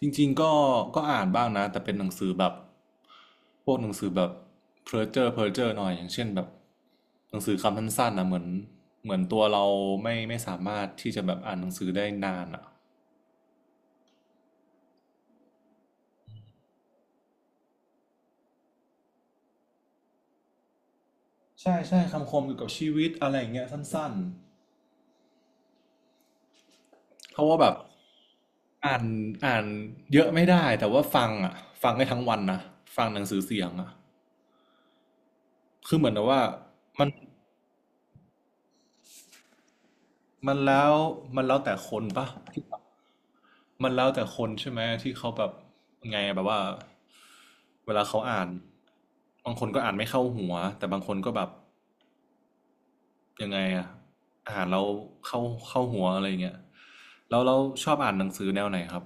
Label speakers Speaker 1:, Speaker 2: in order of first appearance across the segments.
Speaker 1: จริงๆก็อ่านบ้างนะแต่เป็นหนังสือแบบพวกหนังสือแบบเพ้์เจอร์หน่อยอย่างเช่นแบบหนังสือคำสั้นๆนะเหมือนตัวเราไม่สามารถที่จะแบบอ่านหนังสือได้นานอ่ะใช่ใช่คำคมเกี่ยวกับชีวิตอะไรอย่างเงี้ยสั้นๆเพราะว่าแบบอ่านอ่านเยอะไม่ได้แต่ว่าฟังอ่ะฟังได้ทั้งวันนะฟังหนังสือเสียงอ่ะคือเหมือนกับว่ามันมันแล้วมันแล้วแต่คนปะที่ มันแล้วแต่คนใช่ไหมที่เขาแบบไงอะแบบว่าเวลาเขาอ่านบางคนก็อ่านไม่เข้าหัวแต่บางคนก็แบบยังไงอะอ่านแล้วเข้าเข้าหัวอะไรอย่างเงี้ยแล้วเราชอบอ่านหนังสือแนวไหนครับ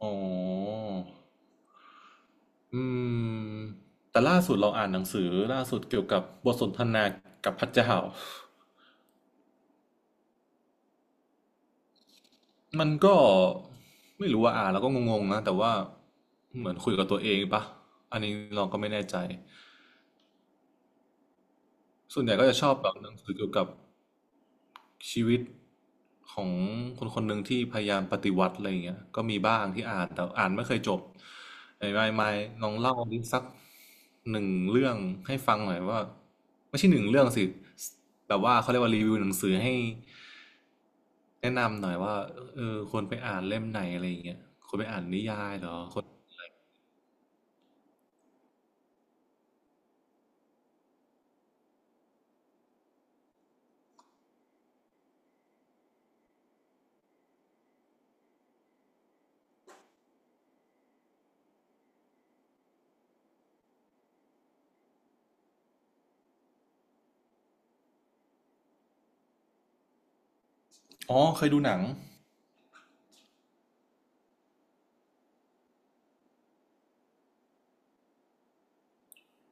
Speaker 1: อ๋ออืมแต่ล่าสุดเราอ่านหนังสือล่าสุดเกี่ยวกับบทสนทนากับพระเจ้ามันก็ไม่รู้ว่าอ่านแล้วก็งงๆนะแต่ว่าเหมือนคุยกับตัวเองปะอันนี้เราก็ไม่แน่ใจ ส่วนใหญ่ก็จะชอบแบบหนังสือเกี่ยวกับชีวิตของคนคนหนึ่งที่พยายามปฏิวัติอะไรอย่างเงี้ยก็มีบ้างที่อ่านแต่อ่านไม่เคยจบไอ้ไม่ลองเล่าดิสักหนึ่งเรื่องให้ฟังหน่อยว่าไม่ใช่หนึ่งเรื่องสิแบบว่าเขาเรียกว่ารีวิวหนังสือให้แนะนำหน่อยว่าเออควรไปอ่านเล่มไหนอะไรอย่างเงี้ยควรไปอ่านนิยายเหรอคนอ๋อเคยดูหนัง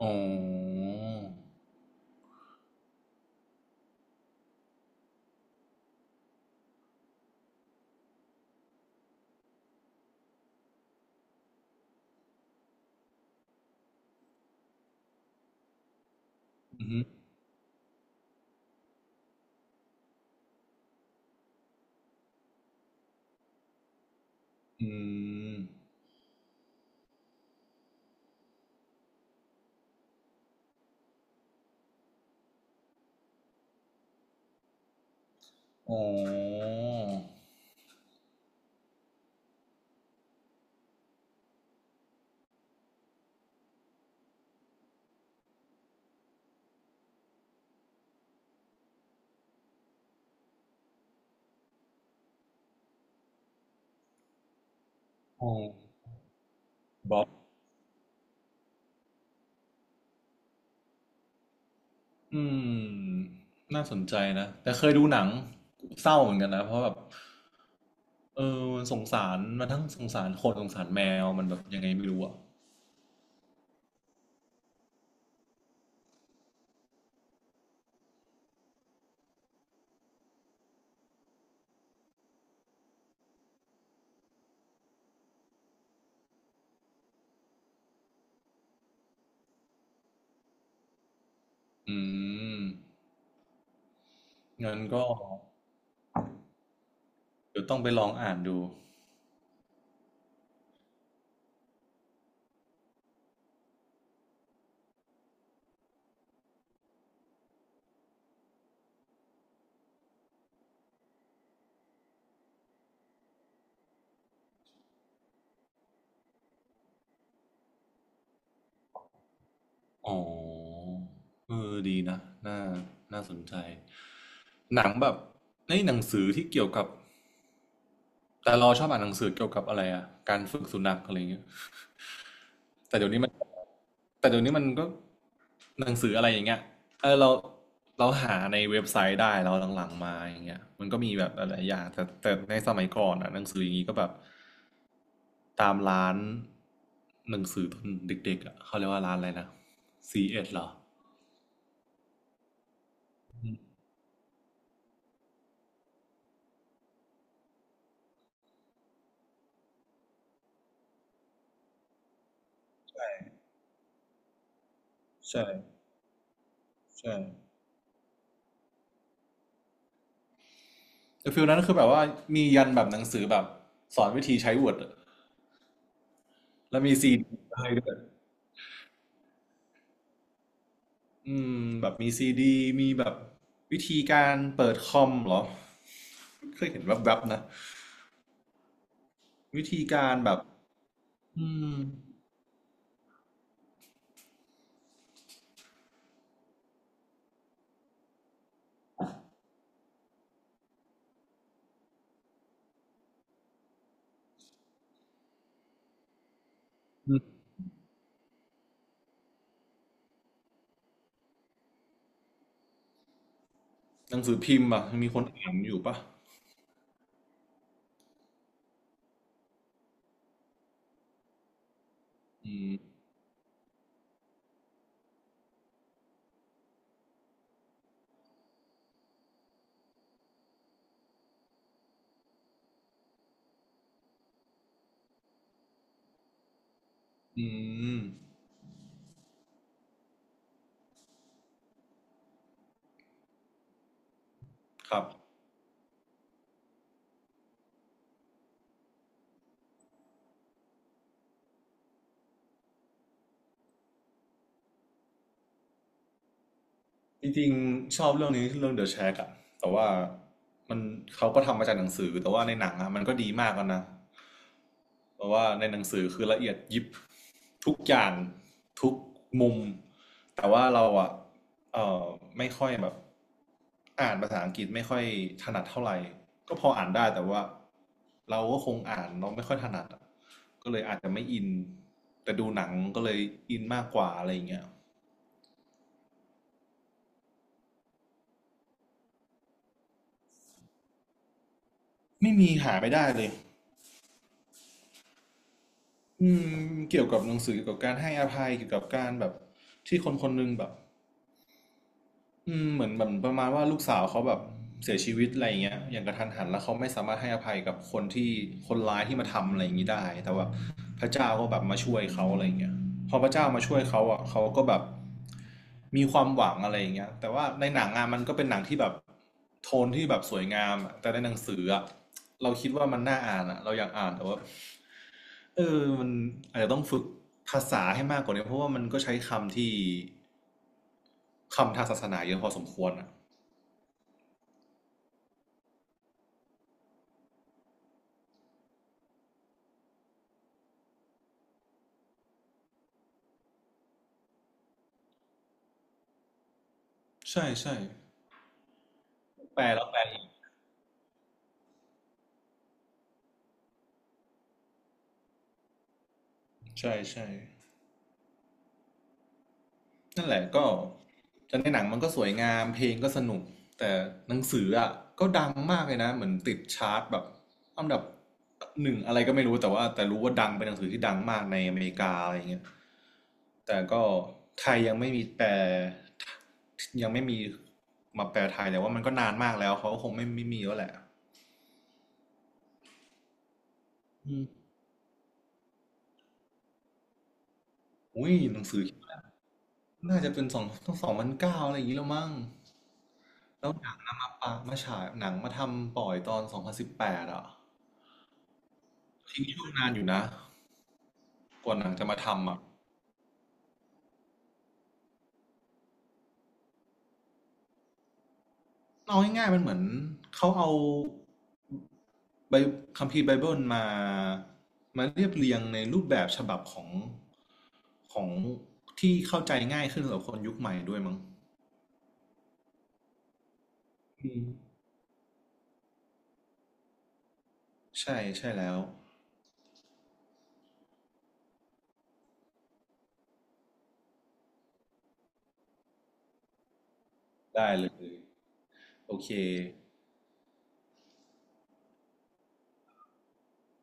Speaker 1: อ๋ออือหืออืมอ๋ออ๋อบ๊อบ อืมน่าสนใจนะแต่เคยดูหนังเศร้าเหมือนกันนะเพราะแบบเออมันสงสารมันทั้งสงสารคนสงสารแมวมันแบบยังไงไม่รู้อ่ะอืมงั้นก็เดี๋ยวต้องไปลองอ่านดูอ๋อเออดีนะน่าน่าสนใจหนังแบบในหนังสือที่เกี่ยวกับแต่เราชอบอ่านหนังสือเกี่ยวกับอะไรอะการฝึกสุนัขอะไรเงี้ย แต่เดี๋ยวนี้มันแต่เดี๋ยวนี้มันก็หนังสืออะไรอย่างเงี้ยเออเราหาในเว็บไซต์ได้เราหลังๆมาอย่างเงี้ยมันก็มีแบบหลายๆอย่างแต่ในสมัยก่อนอ่ะหนังสืออย่างงี้ก็แบบตามร้านหนังสือตอนเด็กๆอ่ะเขาเรียกว่าร้านอะไรนะ CS เอสเหรอใช่ใช่แต่ฟิลนั้นคือแบบว่ามียันแบบหนังสือแบบสอนวิธีใช้ Word อะแล้วมีซีดีให้ด้วย อืมแบบมีซีดีมีแบบวิธีการเปิดคอมเหรอเคยเห็นแวบๆนะวิธีการแบบอืมอืมหนังสือพิมพ์อ่ะยังมีคนอ่านอยู่ปะอืมอืมครับ จริงๆชอบเรื่องนี้เรื่อง The Shack อะแต่ว่ามันเขาก็ทำมาจากหนังสือแต่ว่าในหนังอะมันก็ดีมากแล้วนะเพราะว่าในหนังสือคือละเอียดยิบทุกอย่างทุกมุมแต่ว่าเราอะเอ่อไม่ค่อยแบบอ่านภาษาอังกฤษไม่ค่อยถนัดเท่าไหร่ก็พออ่านได้แต่ว่าเราก็คงอ่านเราไม่ค่อยถนัดอะก็เลยอาจจะไม่อินแต่ดูหนังก็เลยอินมากกว่าอะไรอย่างเงี้ยไม่มีหาไม่ได้เลย อืมเกี่ยวกับหนังสือเกี่ยวกับการให้อภัยเกี่ยวกับการแบบที่คนคนหนึงแบบอืมเหมือนแบบประมาณว่าลูกสาวเขาแบบเสียชีวิตอะไรอย่างเงี้ยอย่างกระทันหันแล้วเขาไม่สามารถให้อภัยกับคนที่คนร้ายที่มาทำอะไรอย่างนี้ได้แต่ว่าพระเจ้าก็แบบมาช่วยเขาอะไรอย่างเงี้ยพอพระเจ้ามาช่วยเขาอ่ะเขาก็แบบมีความหวังอะไรอย่างเงี้ยแต่ว่าในหนังอ่ะมันก็เป็นหนังที่แบบโทนที่แบบสวยงามอะแต่ในหนังสืออ่ะเราคิดว่ามันน่าอ่านอ่ะเราอยากอ่านแต่ว่า เออมันอาจจะต้องฝึกภาษาให้มากกว่านี้เพราะว่ามันก็ใช้คำที่คำทางศาสนาเยอะพอสมควรอ่ะใช่ใช่แปลแล้วแปลอีกใช่ใช่ นั่นแหละก็แต่ในหนังมันก็สวยงามเพลงก็สนุกแต่หนังสืออ่ะก็ดังมากเลยนะเหมือนติดชาร์ตแบบอันดับหนึ่งอะไรก็ไม่รู้แต่ว่าแต่รู้ว่าดังเป็นหนังสือที่ดังมากในอเมริกาอะไรเงี้ยแต่ก็ไทยยังไม่มีแปลยังไม่มีมาแปลไทยแต่ว่ามันก็นานมากแล้วเขาก็คงไม่มีแล้วแหละอืมอุ้ยหนังสือ น่าจะเป็นสอง 2009อะไรอย่างนี้แล้วมั้งแล้วหนังนะมาปะมาฉายหนังมาทำปล่อยตอน2018อ่ะทิ้งช่วงนานอยู่นะกว่าหนังจะมาทำอ่ะเอาง่ายๆมันเหมือนเขาเอาไบคัมภีร์ไบเบิลมามาเรียบเรียงในรูปแบบฉบับของของที่เข้าใจง่ายขึ้นสำหรับคนยุคใหม่ด้วยมั้งอืมใช่ใช่แล้วได้เลยโอเค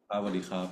Speaker 1: ครับสวัสดีครับ